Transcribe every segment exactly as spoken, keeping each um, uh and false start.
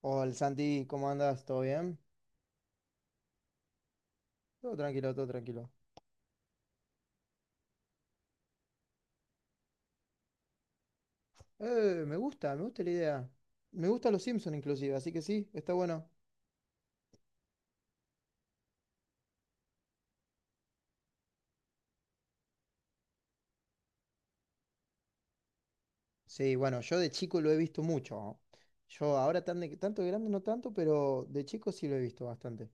Hola Santi, ¿cómo andas? ¿Todo bien? Todo tranquilo, todo tranquilo. Eh, me gusta, me gusta la idea. Me gustan los Simpsons inclusive, así que sí, está bueno. Sí, bueno, yo de chico lo he visto mucho. Yo ahora tan de- tanto de grande no tanto, pero de chico sí lo he visto bastante.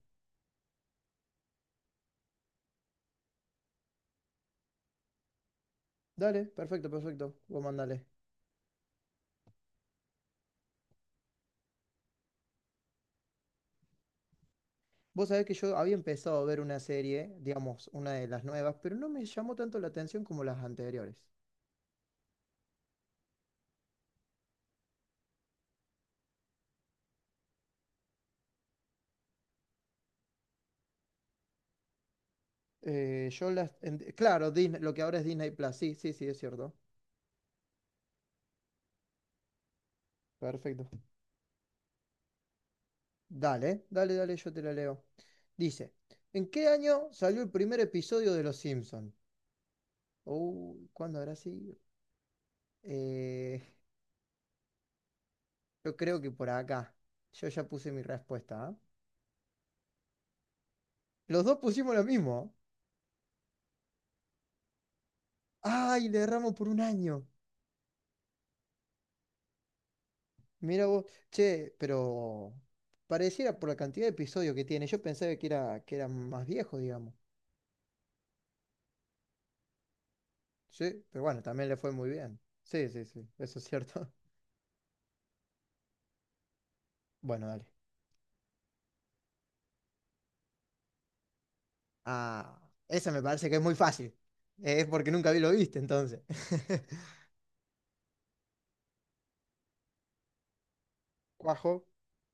Dale, perfecto, perfecto. Vos mandale. Vos sabés que yo había empezado a ver una serie, digamos, una de las nuevas, pero no me llamó tanto la atención como las anteriores. Eh, yo las en- claro, Disney- lo que ahora es Disney Plus, sí, sí, sí, es cierto. Perfecto. Dale, dale, dale, yo te la leo. Dice, ¿en qué año salió el primer episodio de Los Simpson? Uy, ¿cuándo habrá sido? Eh, yo creo que por acá. Yo ya puse mi respuesta, ¿ah? Los dos pusimos lo mismo. ¡Ay, le erramos por un año! Mira vos, che, pero pareciera por la cantidad de episodios que tiene. Yo pensaba que era, que era más viejo, digamos. Sí, pero bueno, también le fue muy bien. Sí, sí, sí, eso es cierto. Bueno, dale. Ah, esa me parece que es muy fácil. Es porque nunca vi lo viste, entonces. Cuajo.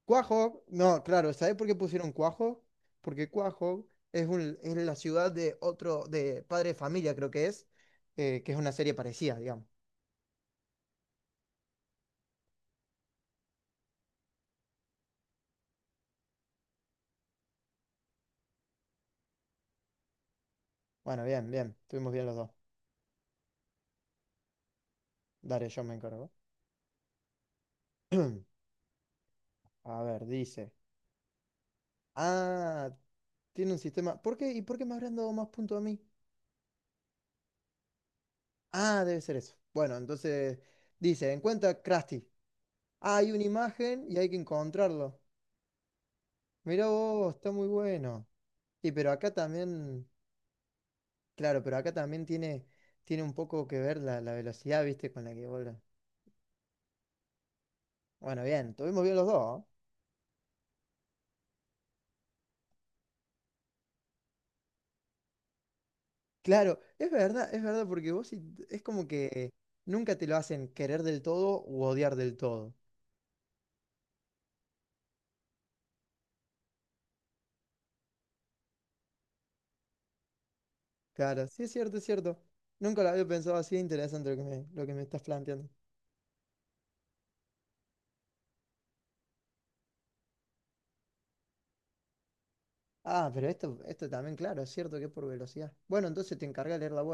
Cuajo, no, claro, ¿sabes por qué pusieron Cuajo? Porque Cuajo es, un, es la ciudad de otro, de Padre de Familia, creo que es, eh, que es una serie parecida, digamos. Bueno, bien, bien, estuvimos bien los dos. Dale, yo me encargo. A ver, dice. Ah, tiene un sistema. ¿Por qué? ¿Y por qué me habrán dado más puntos a mí? Ah, debe ser eso. Bueno, entonces dice, encuentra Krusty. Hay una imagen y hay que encontrarlo. Mirá vos, está muy bueno. Y pero acá también, claro, pero acá también tiene, tiene, un poco que ver la, la velocidad, ¿viste? Con la que vos. la- Bueno, bien, tuvimos bien los dos, ¿eh? Claro, es verdad, es verdad, porque vos sí- es como que nunca te lo hacen querer del todo u odiar del todo. Claro, sí es cierto, es cierto. Nunca lo había pensado así, interesante lo que me, lo que me estás planteando. Ah, pero esto, esto también, claro, es cierto que es por velocidad. Bueno, entonces te encarga de leer la voz.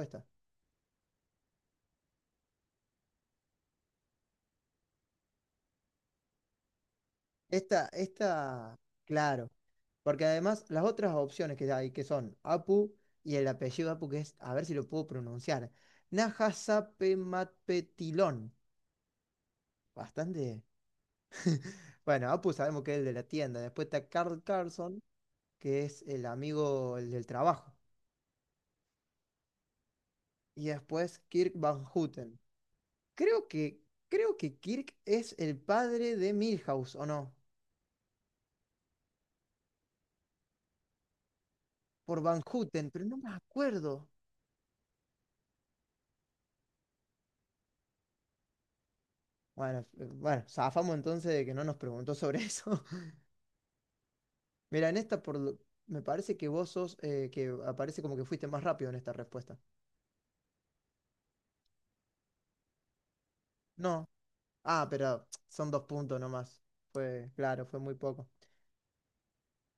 Esta, esta, claro. Porque además las otras opciones que hay, que son Apu y el apellido Apu, que es, a ver si lo puedo pronunciar, Nahasapematpetilón. Bastante. Bueno, Apu sabemos que es el de la tienda. Después está Carl Carlson, que es el amigo, el del trabajo. Y después Kirk Van Houten. Creo que, creo que Kirk es el padre de Milhouse, ¿o no? Por Van Houten, pero no me acuerdo. Bueno, eh, bueno, zafamos entonces de que no nos preguntó sobre eso. Mira, en esta por lo- me parece que vos sos, eh, que aparece como que fuiste más rápido en esta respuesta. No. Ah, pero son dos puntos nomás. Fue, claro, fue muy poco.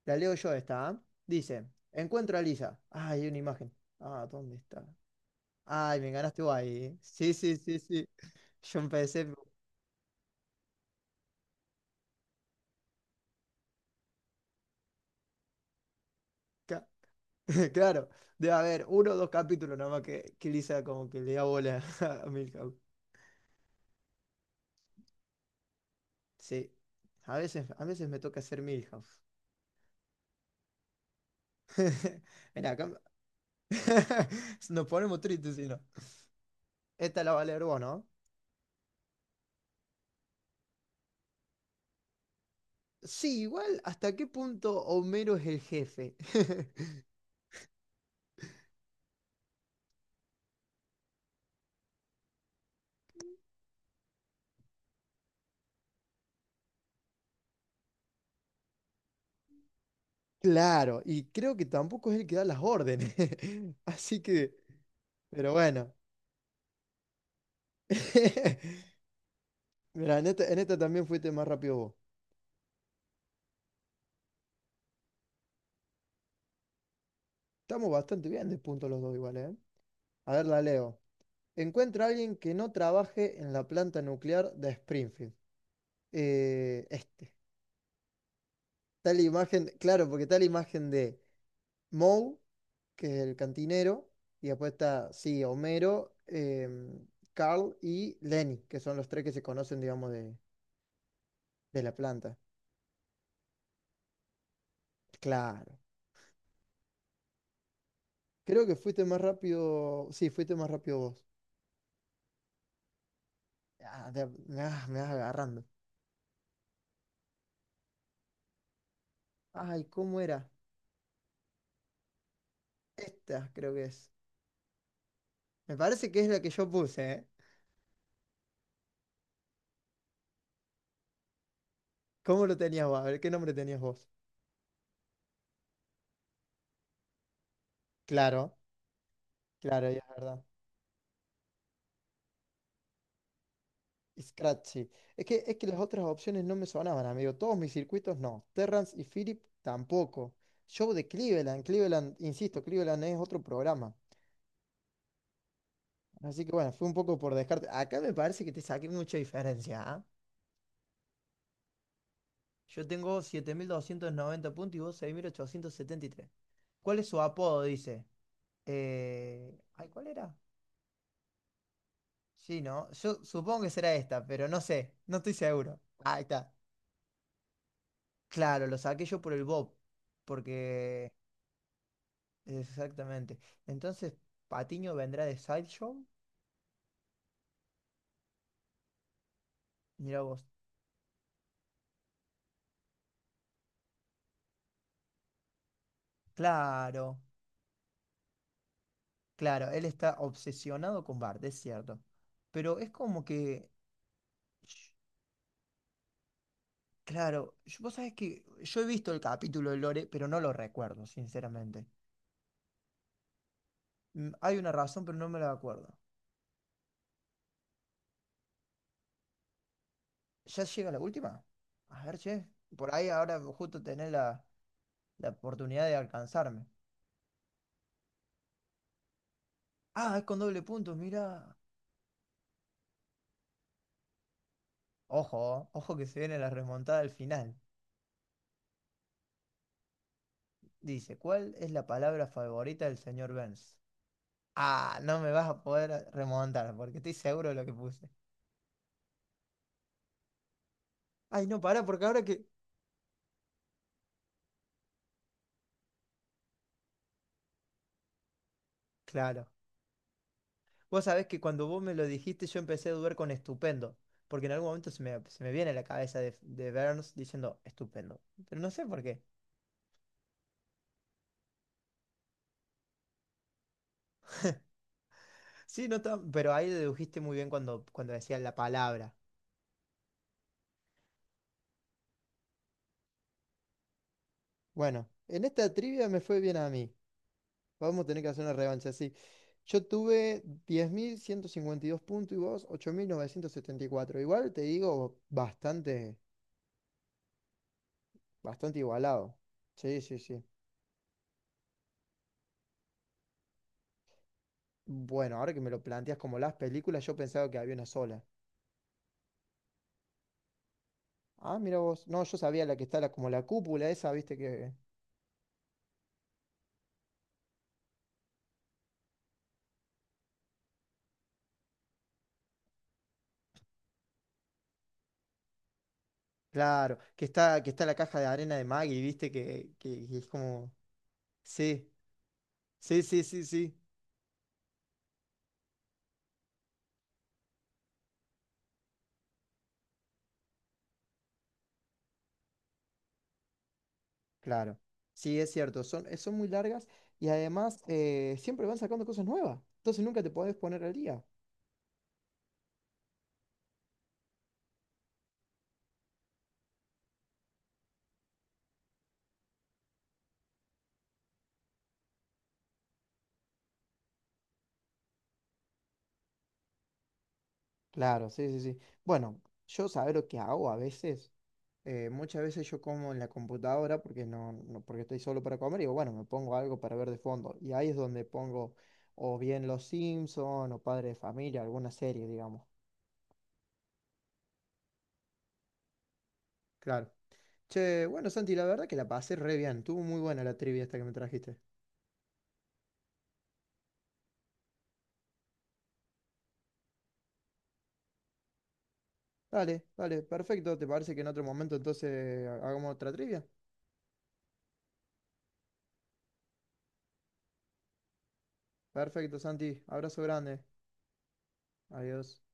La leo yo esta, ¿ah? Dice, encuentro a Lisa. Ah, hay una imagen. Ah, ¿dónde está? Ay, me ganaste vos ahí, ¿eh? Sí, sí, sí, sí. Yo empecé. ca- Claro, debe haber uno o dos capítulos nomás que, que, Lisa como que le da bola a Milhouse. Sí, a veces, a veces me toca hacer Milhouse. Mira, acá nos ponemos tristes si no. Esta la va a leer vos, ¿no? Sí, igual, ¿hasta qué punto Homero es el jefe? Claro, y creo que tampoco es el que da las órdenes. Así que, pero bueno. Mira, en esta, en esta también fuiste más rápido vos. Estamos bastante bien de punto los dos igual, ¿eh? A ver, la leo. Encuentra a alguien que no trabaje en la planta nuclear de Springfield. Eh, este. Tal imagen, claro, porque tal imagen de Moe, que es el cantinero, y después está, sí, Homero, em, Carl y Lenny, que son los tres que se conocen, digamos, de, de la planta. Claro. Creo que fuiste más rápido, sí, fuiste más rápido vos. Ah, de- me vas, me vas agarrando. Ay, ¿cómo era? Esta creo que es. Me parece que es la que yo puse, ¿eh? ¿Cómo lo tenías vos? A ver, ¿qué nombre tenías vos? Claro, claro, ya es verdad. Scratchy. Es que, es que las otras opciones no me sonaban, amigo. Todos mis circuitos no. Terrance y Philip tampoco. Show de Cleveland. Cleveland, insisto, Cleveland es otro programa. Así que bueno, fue un poco por descarte. Acá me parece que te saqué mucha diferencia, ¿ah? Yo tengo siete mil doscientos noventa puntos y vos seis mil ochocientos setenta y tres. ¿Cuál es su apodo? Dice. Eh, Ay, ¿cuál era? Sí, ¿no? Yo supongo que será esta, pero no sé. No estoy seguro. Ahí está. Claro, lo saqué yo por el Bob. Porque. Exactamente. Entonces, Patiño vendrá de Sideshow. Mira vos. Claro, claro, él está obsesionado con Bart, es cierto. Pero es como que, sh- claro, yo- vos sabés que yo he visto el capítulo de Lore, pero no lo recuerdo, sinceramente. Mm, Hay una razón, pero no me la acuerdo. ¿Ya llega la última? A ver, che. Por ahí ahora justo tenés la, la, oportunidad de alcanzarme. Ah, es con doble punto, mira. Ojo, ojo que se viene la remontada al final. Dice, ¿cuál es la palabra favorita del señor Burns? Ah, no me vas a poder remontar porque estoy seguro de lo que puse. Ay, no, pará, porque ahora que... Claro. Vos sabés que cuando vos me lo dijiste yo empecé a dudar con estupendo, porque en algún momento se me, se me, viene a la cabeza de, de Burns diciendo estupendo, pero no sé por qué. Sí, no está- pero ahí dedujiste muy bien cuando, cuando decía la palabra. Bueno, en esta trivia me fue bien a mí. Vamos a tener que hacer una revancha, sí. Yo tuve diez mil ciento cincuenta y dos puntos y vos ocho mil novecientos setenta y cuatro. Igual te digo, bastante, bastante igualado. Sí, sí, sí. Bueno, ahora que me lo planteas como las películas, yo pensaba que había una sola. Ah, mira vos. No, yo sabía la que está la- como la cúpula esa, viste que... Claro, que está, que está, la caja de arena de Maggie, viste que, que que es como... Sí, sí, sí, sí, sí. Claro, sí, es cierto, son, eh, son muy largas y además eh, siempre van sacando cosas nuevas, entonces nunca te podés poner al día. Claro, sí, sí, sí. Bueno, yo saber lo que hago a veces, eh, muchas veces yo como en la computadora porque no, no- porque estoy solo para comer y digo, bueno, me pongo algo para ver de fondo y ahí es donde pongo o bien Los Simpson o Padre de Familia, alguna serie, digamos. Claro. Che, bueno, Santi, la verdad que la pasé re bien, estuvo muy buena la trivia esta que me trajiste. Dale, dale, perfecto. ¿Te parece que en otro momento entonces hagamos otra trivia? Perfecto, Santi. Abrazo grande. Adiós.